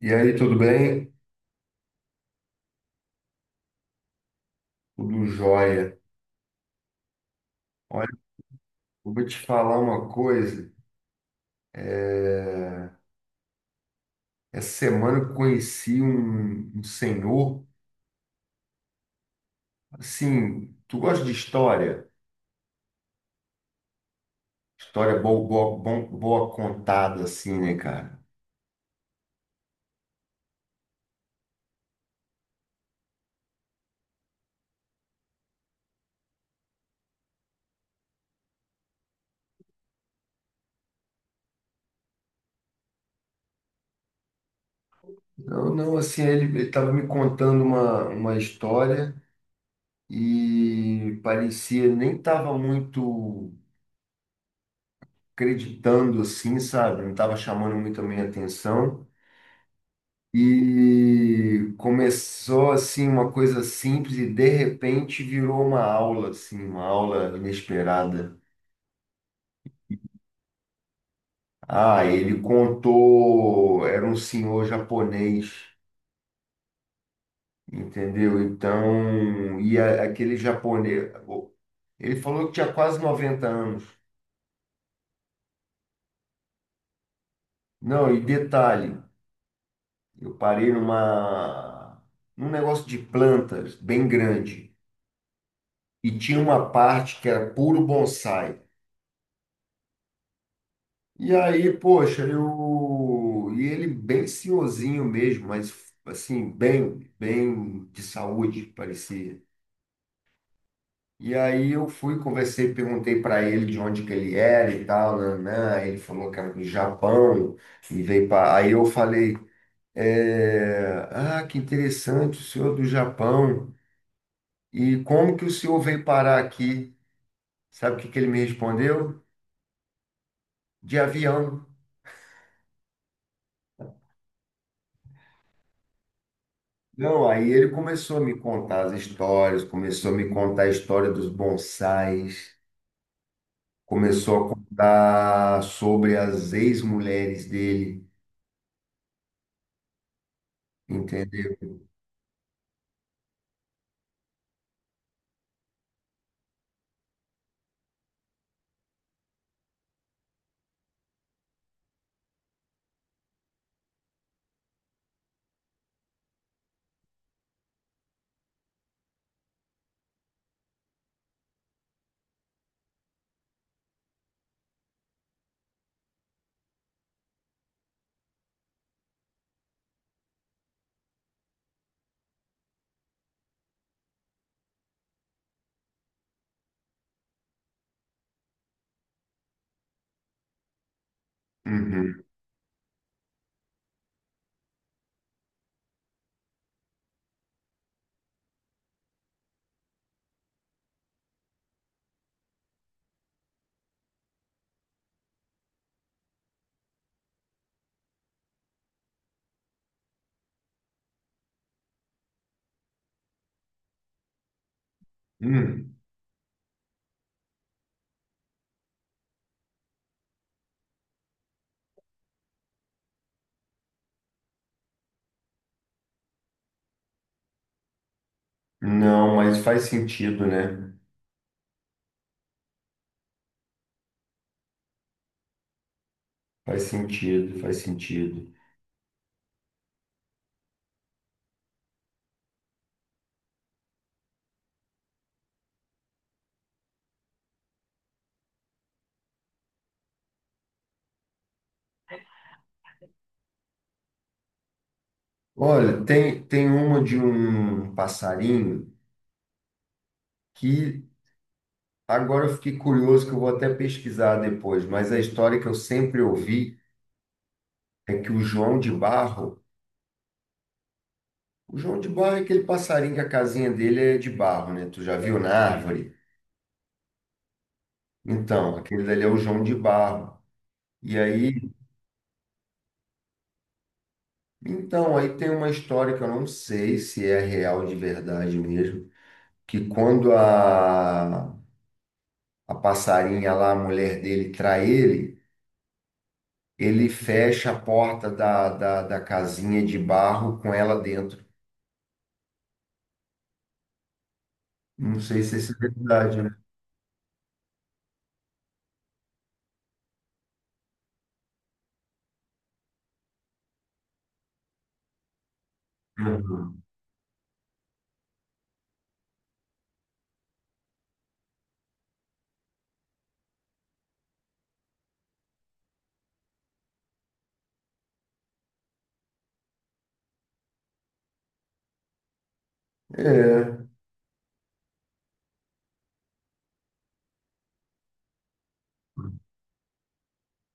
E aí, tudo bem? Tudo jóia. Olha, eu vou te falar uma coisa. É, Essa semana eu conheci um senhor. Assim, tu gosta de história? História boa, boa contada, assim, né, cara? Não, não, assim, ele tava me contando uma história e parecia, nem tava muito acreditando, assim, sabe? Não tava chamando muito a minha atenção. E começou assim uma coisa simples e de repente virou uma aula assim, uma aula inesperada. Ah, ele contou, era um senhor japonês, entendeu? Então, aquele japonês, ele falou que tinha quase 90 anos. Não, e detalhe, eu parei numa num negócio de plantas bem grande e tinha uma parte que era puro bonsai. E aí, poxa, eu. E ele bem senhorzinho mesmo, mas assim, bem, bem de saúde, parecia. E aí eu fui, conversei, perguntei para ele de onde que ele era e tal, né? Ele falou que era do Japão e veio para. Aí eu falei, ah, que interessante, o senhor é do Japão. E como que o senhor veio parar aqui? Sabe o que que ele me respondeu? De avião. Não, aí ele começou a me contar as histórias, começou a me contar a história dos bonsais, começou a contar sobre as ex-mulheres dele, entendeu? Uhum. Hum. Não, mas faz sentido, né? Faz sentido, faz sentido. Olha, tem, tem uma de um passarinho que agora eu fiquei curioso, que eu vou até pesquisar depois, mas a história que eu sempre ouvi é que o João de Barro. O João de Barro é aquele passarinho que a casinha dele é de barro, né? Tu já viu na árvore? Então, aquele dali é o João de Barro. E aí, então, aí tem uma história que eu não sei se é real de verdade mesmo, que quando a passarinha lá, a mulher dele, trai ele, ele fecha a porta da casinha de barro com ela dentro. Não sei se isso é verdade, né? Uhum. É.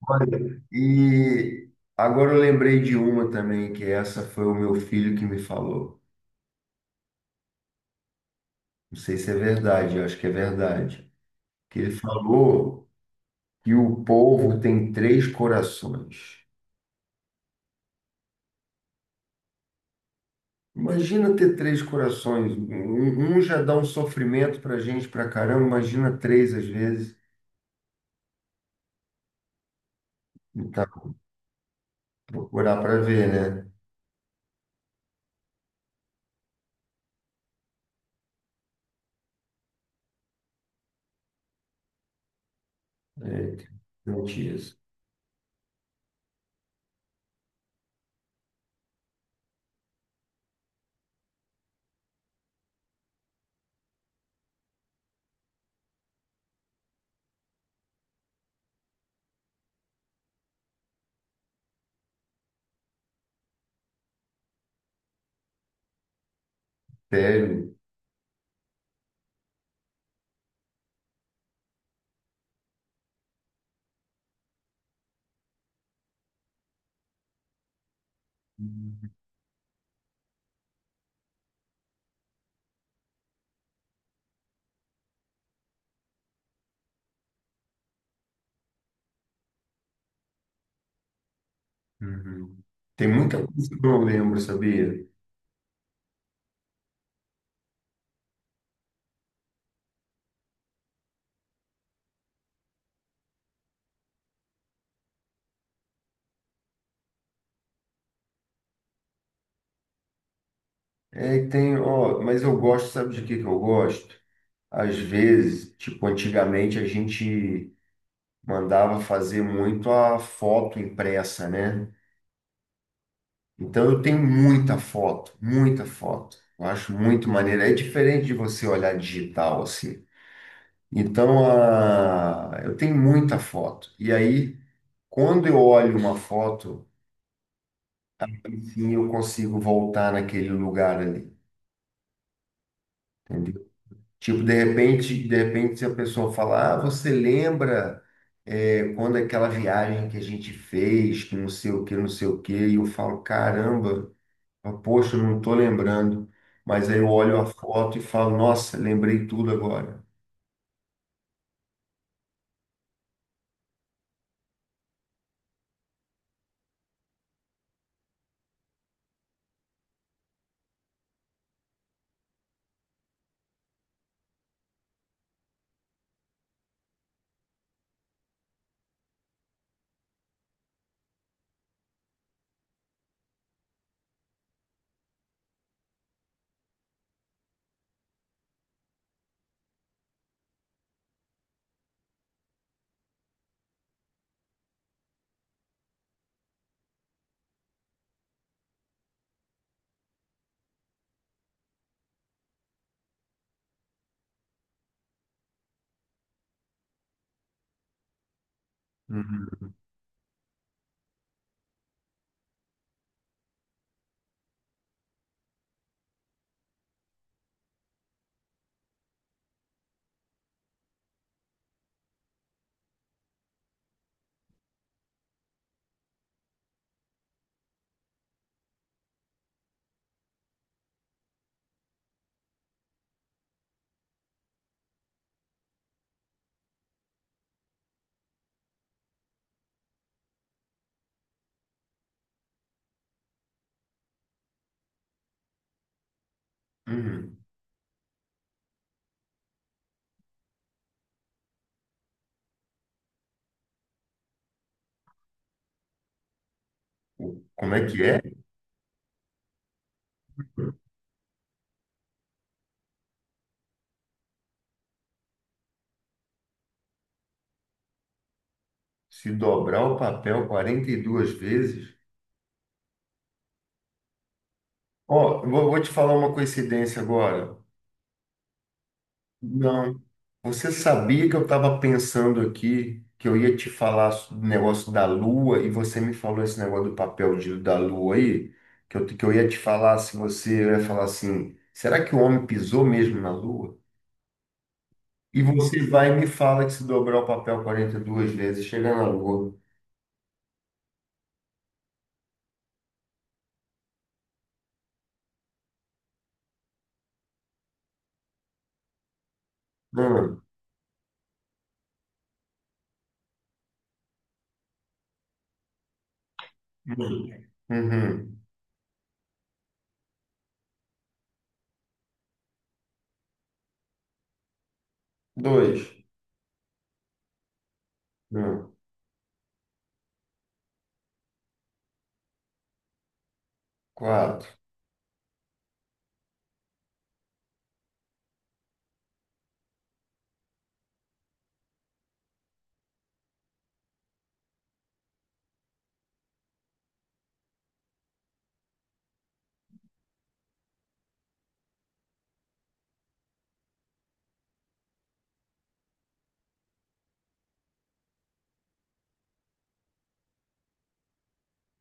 Olha, e agora eu lembrei de uma também, que essa foi o meu filho que me falou. Não sei se é verdade, eu acho que é verdade. Que ele falou que o povo tem três corações. Imagina ter três corações. Um já dá um sofrimento pra gente pra caramba, imagina três às vezes. Então, procurar pra ver, né? É, não tinha isso. Sério. Uhum. Tem muita coisa que eu não lembro, sabia? É, e tem, ó, mas eu gosto, sabe de que eu gosto? Às vezes, tipo, antigamente a gente mandava fazer muito a foto impressa, né? Então eu tenho muita foto, muita foto. Eu acho muito maneiro. É diferente de você olhar digital assim. Então, a... eu tenho muita foto. E aí, quando eu olho uma foto, enfim, eu consigo voltar naquele lugar ali. Tipo, de repente, se a pessoa falar, ah, você lembra é, quando aquela viagem que a gente fez, que não sei o que, não sei o que, e eu falo, caramba, poxa, eu não tô lembrando. Mas aí eu olho a foto e falo, nossa, lembrei tudo agora. Uhum. Uhum. Como é que é? Se dobrar o papel 42 vezes? Ó, eu vou te falar uma coincidência agora. Não. Você sabia que eu estava pensando aqui que eu ia te falar do negócio da Lua e você me falou esse negócio do papel de, da Lua aí? Que eu ia te falar, se você eu ia falar assim, será que o homem pisou mesmo na Lua? E você vai e me fala que se dobrar o papel quarenta e duas vezes, chega na Lua. Um, uhum, dois, um, quatro.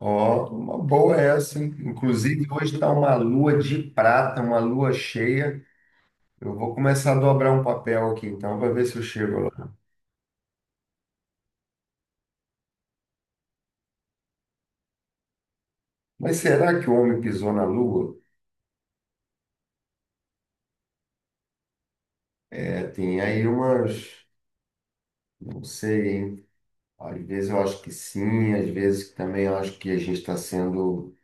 Ó, uma boa essa, hein? Inclusive, hoje está uma lua de prata, uma lua cheia. Eu vou começar a dobrar um papel aqui então para ver se eu chego lá. Mas será que o homem pisou na Lua? É, tem aí umas, não sei, hein? Às vezes eu acho que sim, às vezes também eu acho que a gente está sendo.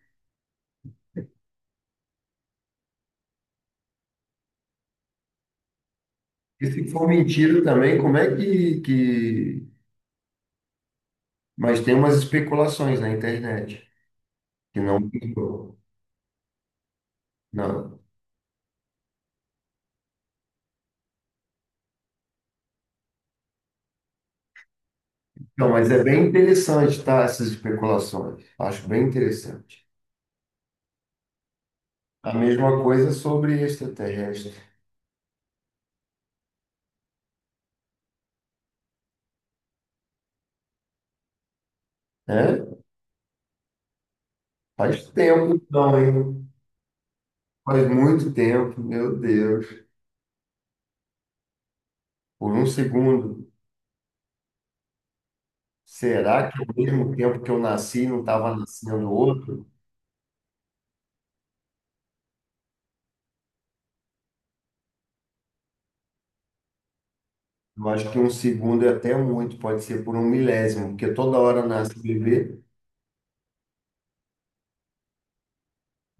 E se for mentira também, como é que... Mas tem umas especulações na internet que não pisou. Não. Não, mas é bem interessante, tá? Essas especulações. Acho bem interessante. A mesma coisa sobre extraterrestre, né? Faz tempo, não, hein? Faz muito tempo, meu Deus. Por um segundo, será que ao mesmo tempo que eu nasci não estava nascendo outro? Eu acho que um segundo é até muito, pode ser por um milésimo, porque toda hora nasce um bebê.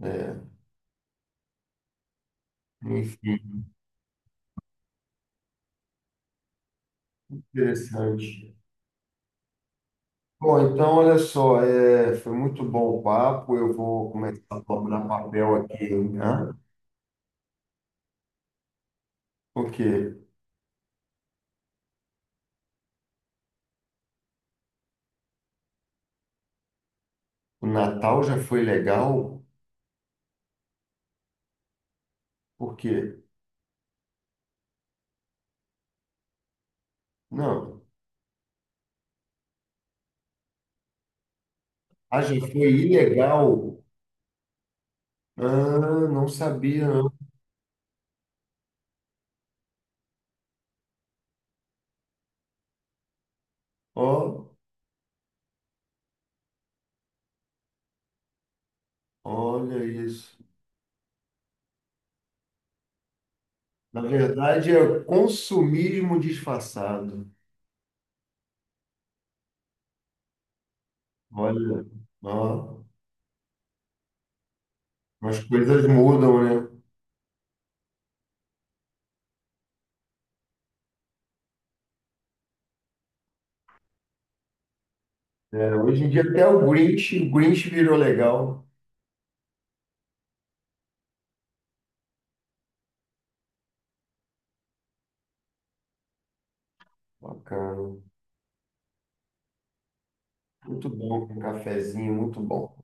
É, enfim, interessante. Bom, então olha só, é, foi muito bom o papo. Eu vou começar a dobrar papel aqui, né? Porque o Natal já foi legal? Por quê? Não. Ah, já foi ilegal? Ah, não sabia. Ó, olha isso. Na verdade, é consumismo disfarçado. Olha, ó, as coisas mudam, né? É, hoje em dia até o Grinch virou legal. Bacana. Muito bom, um cafezinho, muito bom.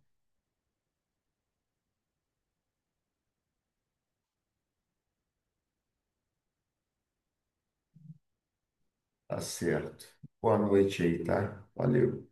Tá certo. Boa noite aí, tá? Valeu.